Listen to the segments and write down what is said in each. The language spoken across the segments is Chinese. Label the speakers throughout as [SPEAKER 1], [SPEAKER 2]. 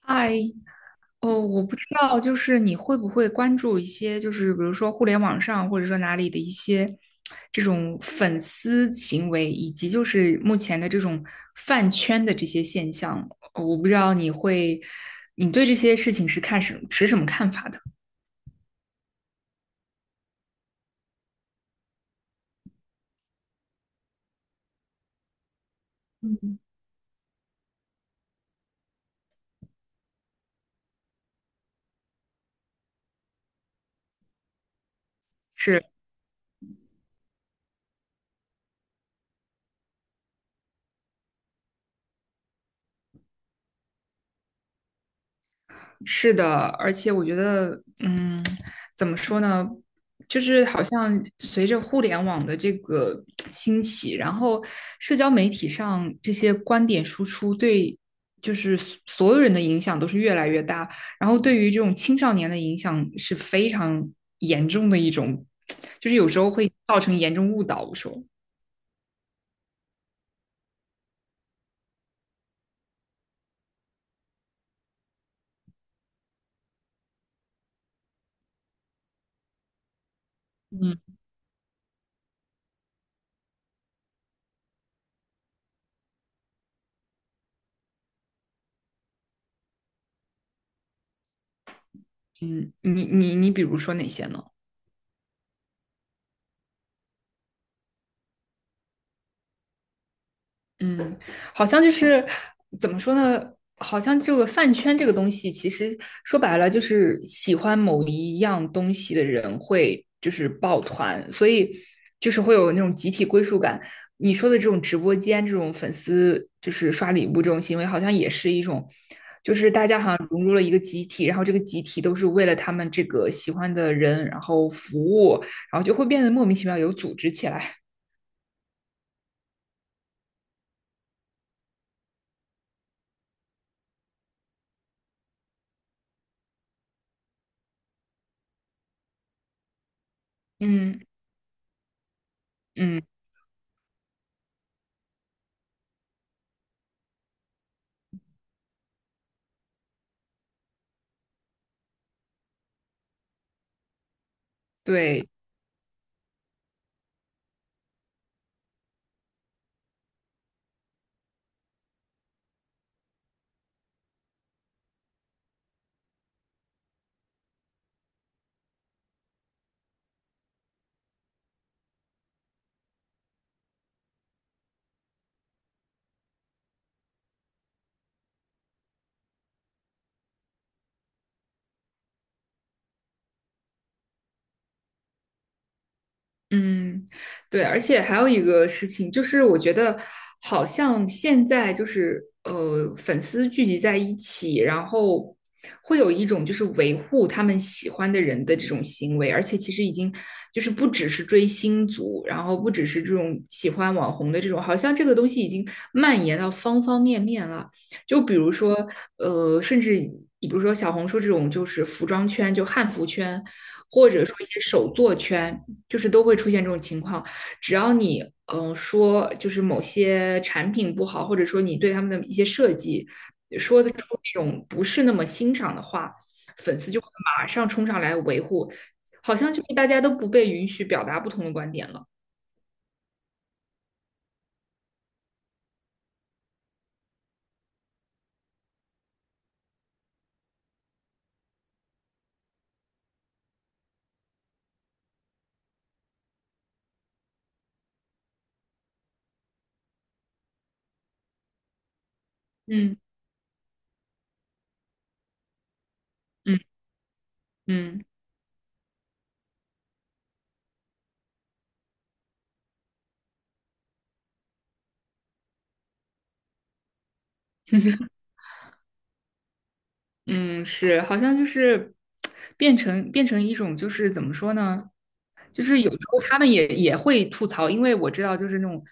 [SPEAKER 1] 嗨，哦，我不知道，就是你会不会关注一些，就是比如说互联网上或者说哪里的一些这种粉丝行为，以及就是目前的这种饭圈的这些现象，哦我不知道你会，你对这些事情是看持什么看法的？是。是的，而且我觉得，怎么说呢，就是好像随着互联网的这个兴起，然后社交媒体上这些观点输出对，就是所有人的影响都是越来越大，然后对于这种青少年的影响是非常严重的一种，就是有时候会造成严重误导。我说，嗯。嗯，你你你，比如说哪些呢？嗯，好像就是怎么说呢？好像这个饭圈这个东西，其实说白了就是喜欢某一样东西的人会就是抱团，所以就是会有那种集体归属感。你说的这种直播间这种粉丝就是刷礼物这种行为，好像也是一种，就是大家好像融入了一个集体，然后这个集体都是为了他们这个喜欢的人，然后服务，然后就会变得莫名其妙有组织起来。嗯嗯，对，嗯，对，而且还有一个事情，就是我觉得好像现在就是粉丝聚集在一起，然后会有一种就是维护他们喜欢的人的这种行为，而且其实已经就是不只是追星族，然后不只是这种喜欢网红的这种，好像这个东西已经蔓延到方方面面了。就比如说甚至你比如说小红书这种，就是服装圈，就汉服圈，或者说一些手作圈。就是都会出现这种情况。只要你说就是某些产品不好，或者说你对他们的一些设计说的出那种不是那么欣赏的话，粉丝就会马上冲上来维护，好像就是大家都不被允许表达不同的观点了。嗯嗯嗯。嗯，是，好像就是变成一种，就是怎么说呢？就是有时候他们也会吐槽，因为我知道就是那种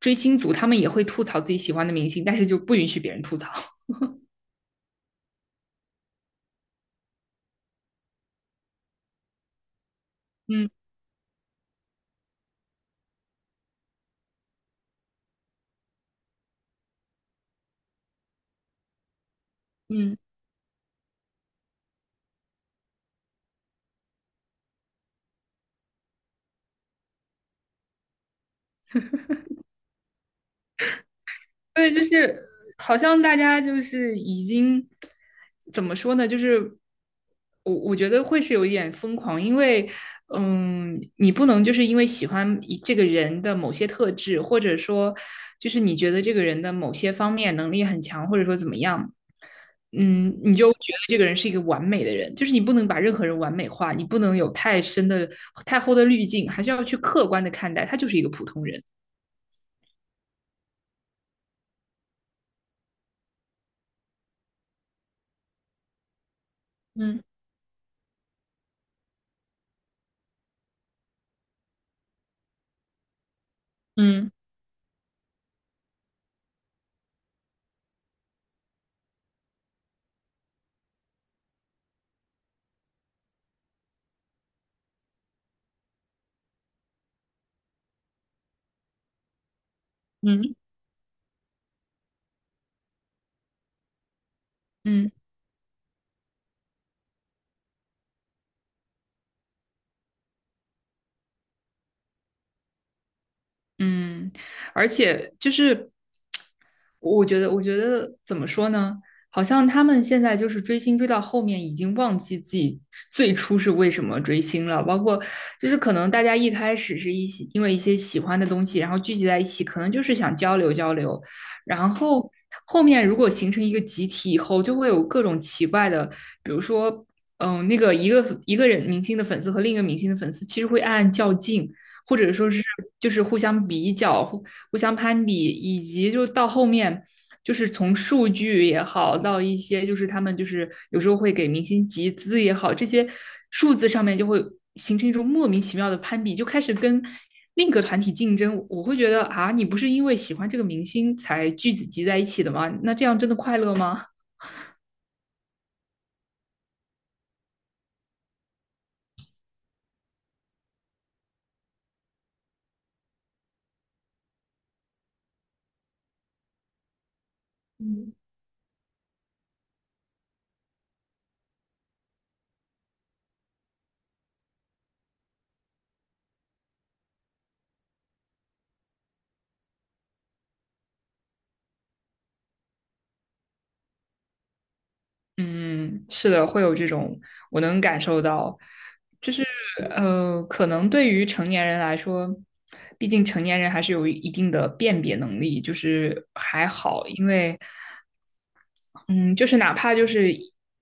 [SPEAKER 1] 追星族，他们也会吐槽自己喜欢的明星，但是就不允许别人吐槽。嗯嗯。对，就是好像大家就是已经怎么说呢？就是我觉得会是有一点疯狂，因为你不能就是因为喜欢一这个人的某些特质，或者说就是你觉得这个人的某些方面能力很强，或者说怎么样，你就觉得这个人是一个完美的人，就是你不能把任何人完美化，你不能有太深的、太厚的滤镜，还是要去客观的看待，他就是一个普通人。嗯嗯嗯嗯。嗯，而且就是我觉得怎么说呢？好像他们现在就是追星追到后面，已经忘记自己最初是为什么追星了。包括就是可能大家一开始是一些因为一些喜欢的东西，然后聚集在一起，可能就是想交流交流。然后后面如果形成一个集体以后，就会有各种奇怪的，比如说，那个一个人明星的粉丝和另一个明星的粉丝，其实会暗暗较劲。或者说是就是互相比较，互相攀比，以及就到后面。就是从数据也好，到一些就是他们就是有时候会给明星集资也好，这些数字上面就会形成一种莫名其妙的攀比，就开始跟另一个团体竞争。我会觉得啊，你不是因为喜欢这个明星才聚集在一起的吗？那这样真的快乐吗？嗯，是的，会有这种，我能感受到。可能对于成年人来说，毕竟成年人还是有一定的辨别能力，就是还好，因为嗯，就是哪怕就是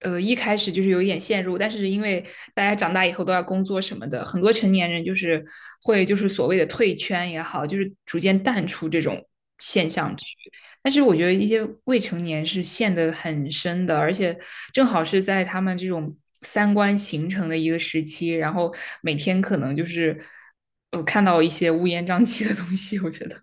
[SPEAKER 1] 一开始就是有一点陷入，但是因为大家长大以后都要工作什么的，很多成年人就是会就是所谓的退圈也好，就是逐渐淡出这种现象去。但是我觉得一些未成年是陷得很深的，而且正好是在他们这种三观形成的一个时期，然后每天可能就是看到一些乌烟瘴气的东西，我觉得。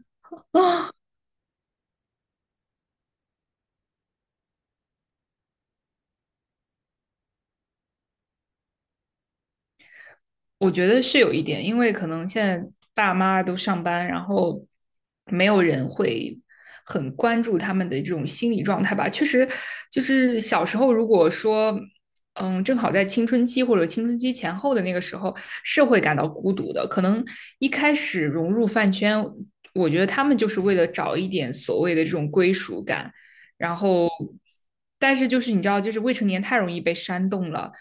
[SPEAKER 1] 我觉得是有一点，因为可能现在爸妈都上班，然后没有人会很关注他们的这种心理状态吧。确实，就是小时候如果说，正好在青春期或者青春期前后的那个时候，是会感到孤独的。可能一开始融入饭圈，我觉得他们就是为了找一点所谓的这种归属感，然后。但是就是你知道，就是未成年太容易被煽动了，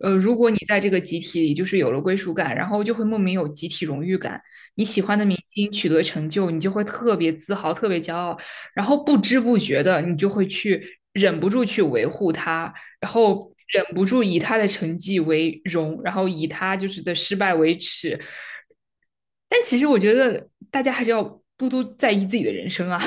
[SPEAKER 1] 如果你在这个集体里就是有了归属感，然后就会莫名有集体荣誉感。你喜欢的明星取得成就，你就会特别自豪、特别骄傲，然后不知不觉的你就会去忍不住去维护他，然后忍不住以他的成绩为荣，然后以他就是的失败为耻。但其实我觉得大家还是要多多在意自己的人生啊。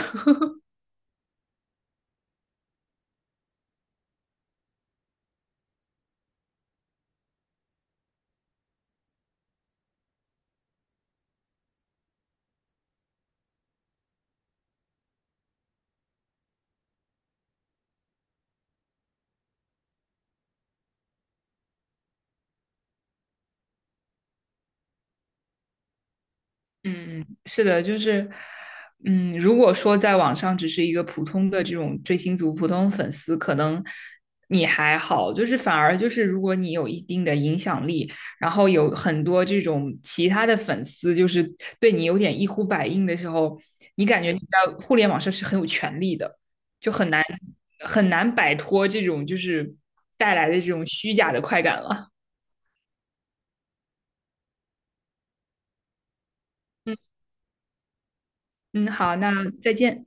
[SPEAKER 1] 嗯，是的，就是，如果说在网上只是一个普通的这种追星族、普通粉丝，可能你还好，就是反而就是如果你有一定的影响力，然后有很多这种其他的粉丝，就是对你有点一呼百应的时候，你感觉你在互联网上是很有权利的，就很难很难摆脱这种就是带来的这种虚假的快感了。嗯嗯，好，那再见。